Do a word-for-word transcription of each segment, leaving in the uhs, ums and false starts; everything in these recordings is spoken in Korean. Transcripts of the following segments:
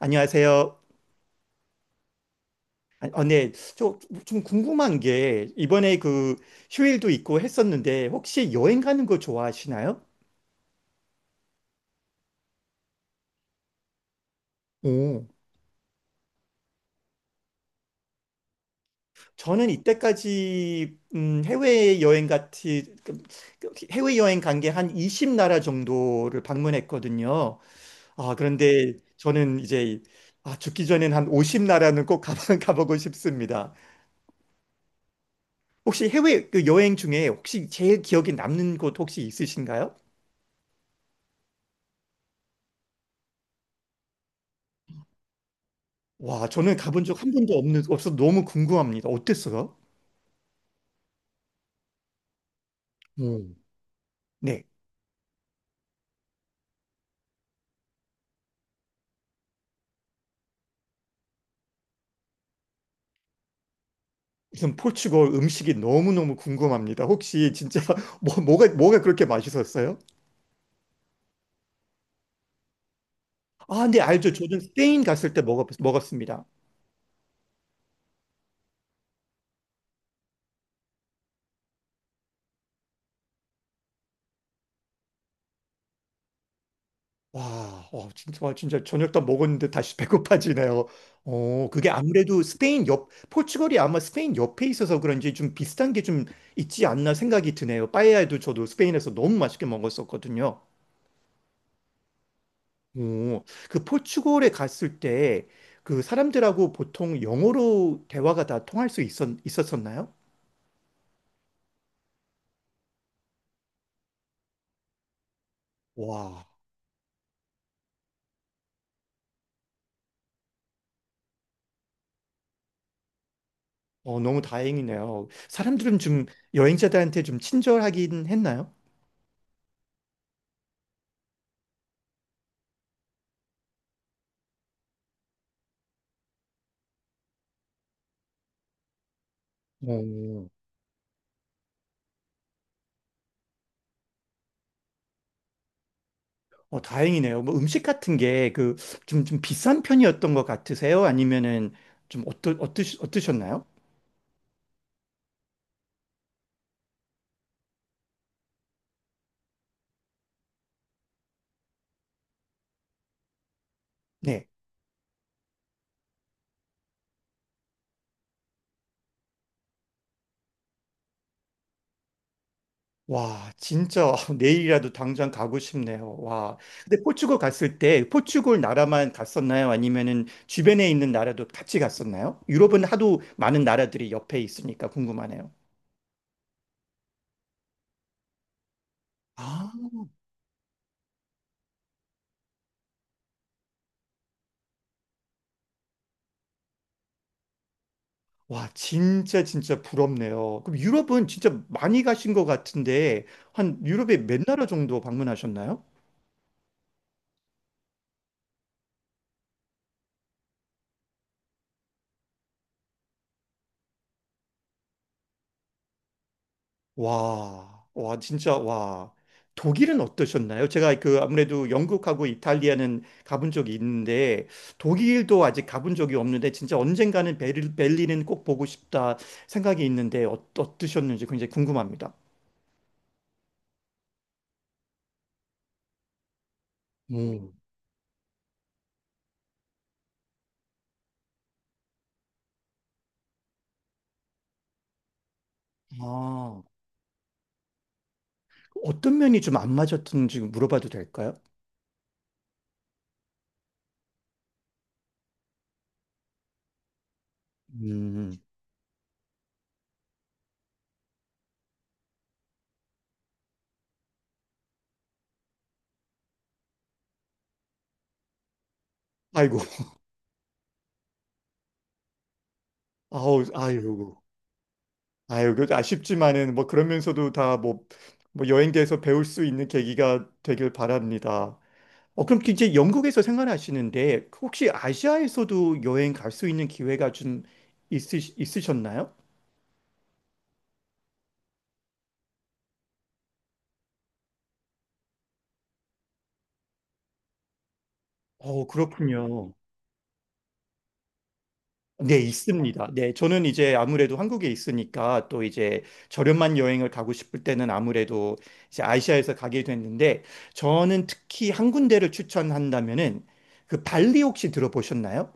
안녕하세요. 아, 어, 네. 저, 좀 궁금한 게, 이번에 그 휴일도 있고 했었는데, 혹시 여행 가는 거 좋아하시나요? 오, 저는 이때까지, 음, 해외여행 같이, 해외여행 간 게 한 이십 나라 정도를 방문했거든요. 아, 그런데 저는 이제, 아, 죽기 전엔 한 오십 나라는 꼭 가 가보고 싶습니다. 혹시 해외 그 여행 중에 혹시 제일 기억에 남는 곳 혹시 있으신가요? 와, 저는 가본 적 한 번도 없는, 없어서 너무 궁금합니다. 어땠어요? 음. 네. 우선 포르투갈 음식이 너무너무 궁금합니다. 혹시 진짜 뭐, 뭐가, 뭐가 그렇게 맛있었어요? 아, 네, 알죠. 저는 스페인 갔을 때 먹었, 먹었습니다. 와, 어, 진짜, 와, 진짜 저녁 다 먹었는데 다시 배고파지네요. 어, 그게 아무래도 스페인 옆, 포르투갈이 아마 스페인 옆에 있어서 그런지 좀 비슷한 게 좀 있지 않나 생각이 드네요. 빠에야도 저도 스페인에서 너무 맛있게 먹었었거든요. 오, 그 포르투갈에 갔을 때 그 사람들하고 보통 영어로 대화가 다 통할 수 있었, 있었었나요? 와, 어, 너무 다행이네요. 사람들은 좀 여행자들한테 좀 친절하긴 했나요? 오, 어, 다행이네요. 뭐 음식 같은 게 그 좀 좀 비싼 편이었던 것 같으세요? 아니면은 좀 어떠, 어떠, 어떠셨나요? 네. 와, 진짜 내일이라도 당장 가고 싶네요. 와. 근데 포르투갈 갔을 때 포르투갈 나라만 갔었나요? 아니면은 주변에 있는 나라도 같이 갔었나요? 유럽은 하도 많은 나라들이 옆에 있으니까 궁금하네요. 아, 와, 진짜 진짜 부럽네요. 그럼 유럽은 진짜 많이 가신 것 같은데 한 유럽에 몇 나라 정도 방문하셨나요? 와, 와, 진짜, 와. 독일은 어떠셨나요? 제가 그 아무래도 영국하고 이탈리아는 가본 적이 있는데 독일도 아직 가본 적이 없는데 진짜 언젠가는 베를, 벨린은 꼭 보고 싶다 생각이 있는데 어, 어떠셨는지 굉장히 궁금합니다. 음, 아, 어떤 면이 좀 안 맞았는지 물어봐도 될까요? 음, 아이고, 아우, 아이고, 아이고, 그 아쉽지만은 뭐 그러면서도 다 뭐, 뭐 여행지에서 배울 수 있는 계기가 되길 바랍니다. 어, 그럼 이제 영국에서 생활하시는데 혹시 아시아에서도 여행 갈 수 있는 기회가 좀 있으, 있으셨나요? 어, 그렇군요. 네, 있습니다. 네, 저는 이제 아무래도 한국에 있으니까 또 이제 저렴한 여행을 가고 싶을 때는 아무래도 이제 아시아에서 가게 됐는데 저는 특히 한 군데를 추천한다면은 그 발리 혹시 들어보셨나요?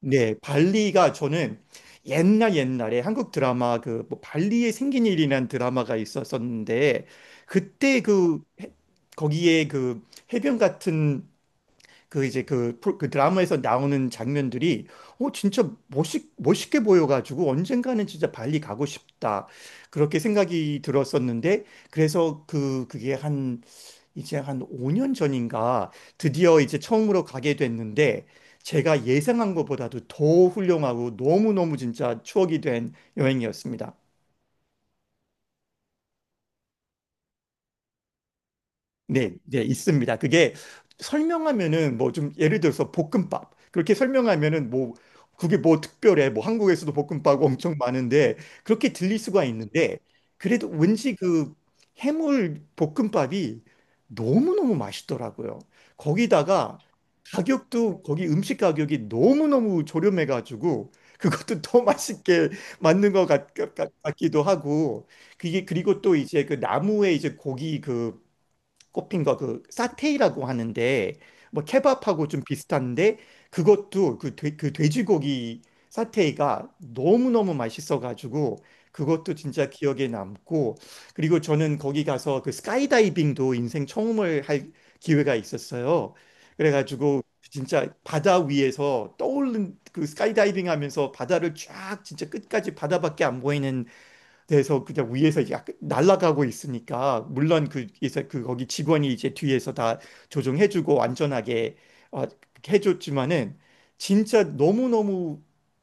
네, 발리가 저는 옛날 옛날에 한국 드라마 그뭐 발리에 생긴 일이라는 드라마가 있었었는데 그때 그 해- 거기에 그 해변 같은 그 이제 그, 프로- 그 드라마에서 나오는 장면들이 어 진짜 멋있 멋있게 보여가지고 언젠가는 진짜 발리 가고 싶다 그렇게 생각이 들었었는데 그래서 그 그게 이제 한 오 년 전인가 드디어 이제 처음으로 가게 됐는데 제가 예상한 것보다도 더 훌륭하고 너무너무 진짜 추억이 된 여행이었습니다. 네, 네, 있습니다. 그게 설명하면은 뭐 좀 예를 들어서 볶음밥. 그렇게 설명하면은 뭐 그게 뭐 특별해. 뭐 한국에서도 볶음밥 엄청 많은데 그렇게 들릴 수가 있는데 그래도 왠지 그 해물 볶음밥이 너무너무 맛있더라고요. 거기다가 가격도 거기 음식 가격이 너무너무 저렴해가지고 그것도 더 맛있게 맞는 것 같, 같, 같기도 하고 그게 그리고 또 이제 그 나무에 이제 고기 그 꼽힌 거 그 사테이라고 하는데 뭐 케밥하고 좀 비슷한데 그것도 그, 돼, 그 돼지고기 사테이가 너무너무 맛있어가지고 그것도 진짜 기억에 남고 그리고 저는 거기 가서 그 스카이다이빙도 인생 처음을 할 기회가 있었어요. 그래가지고 진짜 바다 위에서 떠오른 그 스카이다이빙 하면서 바다를 쫙 진짜 끝까지 바다밖에 안 보이는 그래서 그냥 위에서 약 날아가고 있으니까 물론 그 이제 그 거기 직원이 이제 뒤에서 다 조정해주고 안전하게 어, 해줬지만은 진짜 너무 너무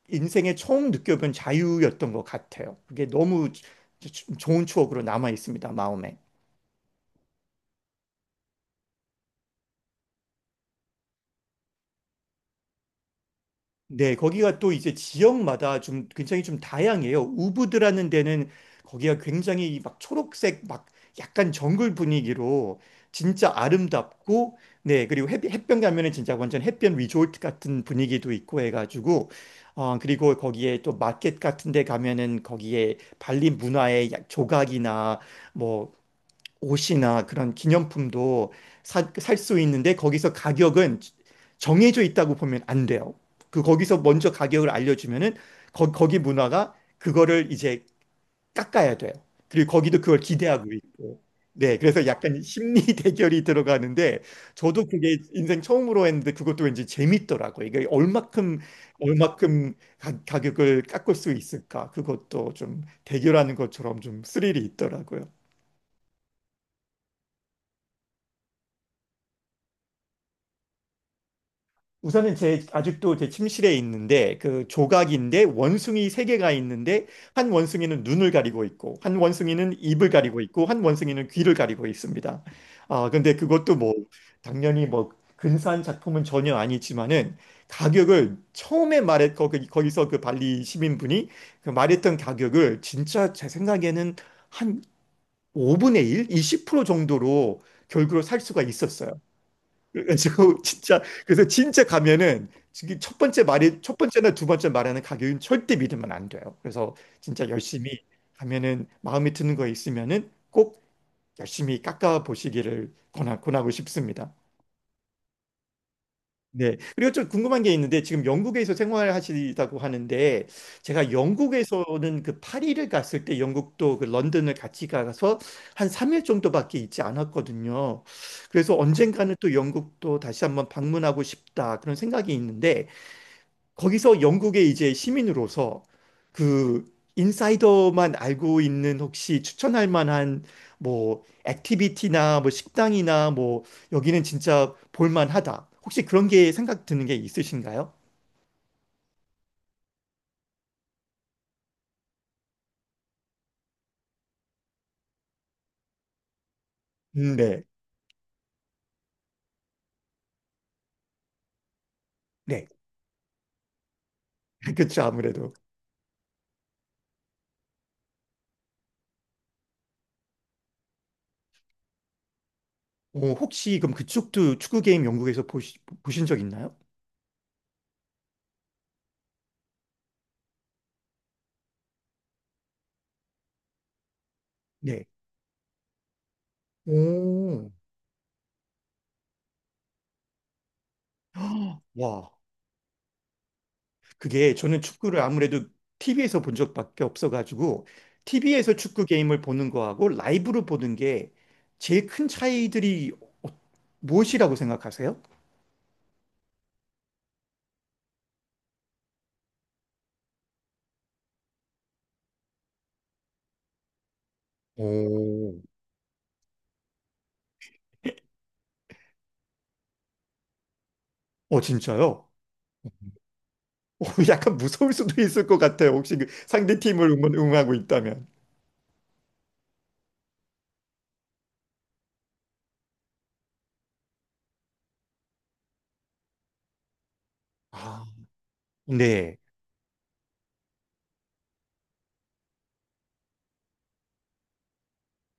인생에 처음 느껴본 자유였던 것 같아요. 그게 너무 조- 조- 좋은 추억으로 남아 있습니다 마음에. 네, 거기가 또 이제 지역마다 좀 굉장히 좀 다양해요. 우브드라는 데는 거기가 굉장히 막 초록색 막 약간 정글 분위기로 진짜 아름답고 네, 그리고 햇, 해변 가면은 진짜 완전 햇변 리조트 같은 분위기도 있고 해가지고 어, 그리고 거기에 또 마켓 같은 데 가면은 거기에 발리 문화의 야- 조각이나 뭐 옷이나 그런 기념품도 살 수 있는데 거기서 가격은 정해져 있다고 보면 안 돼요. 그 거기서 먼저 가격을 알려주면은 거, 거기 문화가 그거를 이제 깎아야 돼요. 그리고 거기도 그걸 기대하고 있고. 네, 그래서 약간 심리 대결이 들어가는데 저도 그게 인생 처음으로 했는데 그것도 왠지 재밌더라고요. 이게 얼마큼 얼마큼 가, 가격을 깎을 수 있을까? 그것도 좀 대결하는 것처럼 좀 스릴이 있더라고요. 우선은 제 아직도 제 침실에 있는데 그 조각인데 원숭이 세 개가 있는데 한 원숭이는 눈을 가리고 있고 한 원숭이는 입을 가리고 있고 한 원숭이는 귀를 가리고 있습니다. 아 근데 그것도 뭐 당연히 뭐 근사한 작품은 전혀 아니지만은 가격을 처음에 말했 거기 거기서 그 발리 시민분이 그 말했던 가격을 진짜 제 생각에는 한 오분의 일, 이십 퍼센트 정도로 결국으로 살 수가 있었어요. 그래가지고 진짜 그래서 진짜 가면은 지금 첫 번째 말이 첫 번째나 두 번째 말하는 가격은 절대 믿으면 안 돼요. 그래서 진짜 열심히 가면은 마음에 드는 거 있으면은 꼭 열심히 깎아 보시기를 권하, 권하고 싶습니다. 네. 그리고 좀 궁금한 게 있는데 지금 영국에서 생활하시다고 하는데 제가 영국에서는 그 파리를 갔을 때 영국도 그 런던을 같이 가서 한 삼 일 정도밖에 있지 않았거든요. 그래서 언젠가는 또 영국도 다시 한번 방문하고 싶다 그런 생각이 있는데 거기서 영국의 이제 시민으로서 그 인사이더만 알고 있는 혹시 추천할 만한 뭐 액티비티나 뭐 식당이나 뭐 여기는 진짜 볼만하다. 혹시 그런 게 생각 드는 게 있으신가요? 음, 네. 네. 그렇죠. 아무래도. 어, 혹시 그럼 그쪽도 축구 게임 영국에서 보시, 보신 적 있나요? 네. 오. 와. 그게 저는 축구를 아무래도 티비에서 본 적밖에 없어가지고 티비에서 축구 게임을 보는 거하고 라이브로 보는 게 제일 큰 차이들이 어- 무엇이라고 생각하세요? 오. 어, 진짜요? 어, 약간 무서울 수도 있을 것 같아요. 혹시 그 상대 팀을 응원, 응원하고 있다면. 아, 네.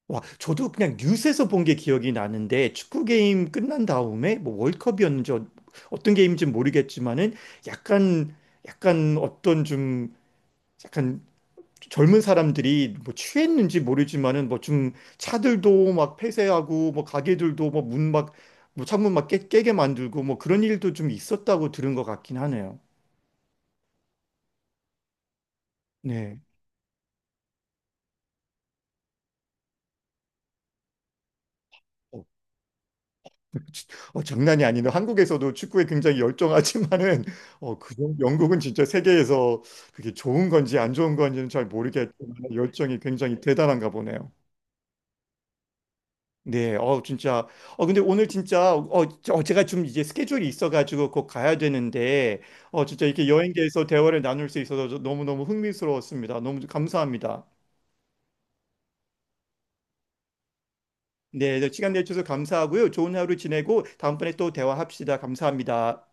와, 저도 그냥 뉴스에서 본 게 기억이 나는데 축구 게임 끝난 다음에 뭐 월컵이었는지 어- 어떤 게임인지 모르겠지만은 약간 약간 어떤 좀 약간 젊은 사람들이 뭐 취했는지 모르지만은 뭐 좀 차들도 막 폐쇄하고 뭐 가게들도 뭐 문 막 뭐 창문 막 깨, 깨게 만들고 뭐 그런 일도 좀 있었다고 들은 것 같긴 하네요. 네. 어, 지- 어, 장난이 아니네. 한국에서도 축구에 굉장히 열정하지만은 어, 그 정- 영국은 진짜 세계에서 그게 좋은 건지 안 좋은 건지는 잘 모르겠지만 열정이 굉장히 대단한가 보네요. 네, 어, 진짜. 어, 근데 오늘 진짜, 어, 저- 어, 제가 좀 이제 스케줄이 있어가지고 곧 가야 되는데, 어, 진짜 이렇게 여행에 대해서 대화를 나눌 수 있어서 저 너무너무 흥미스러웠습니다. 너무 감사합니다. 네, 네, 시간 내주셔서 감사하고요. 좋은 하루 지내고 다음번에 또 대화합시다. 감사합니다.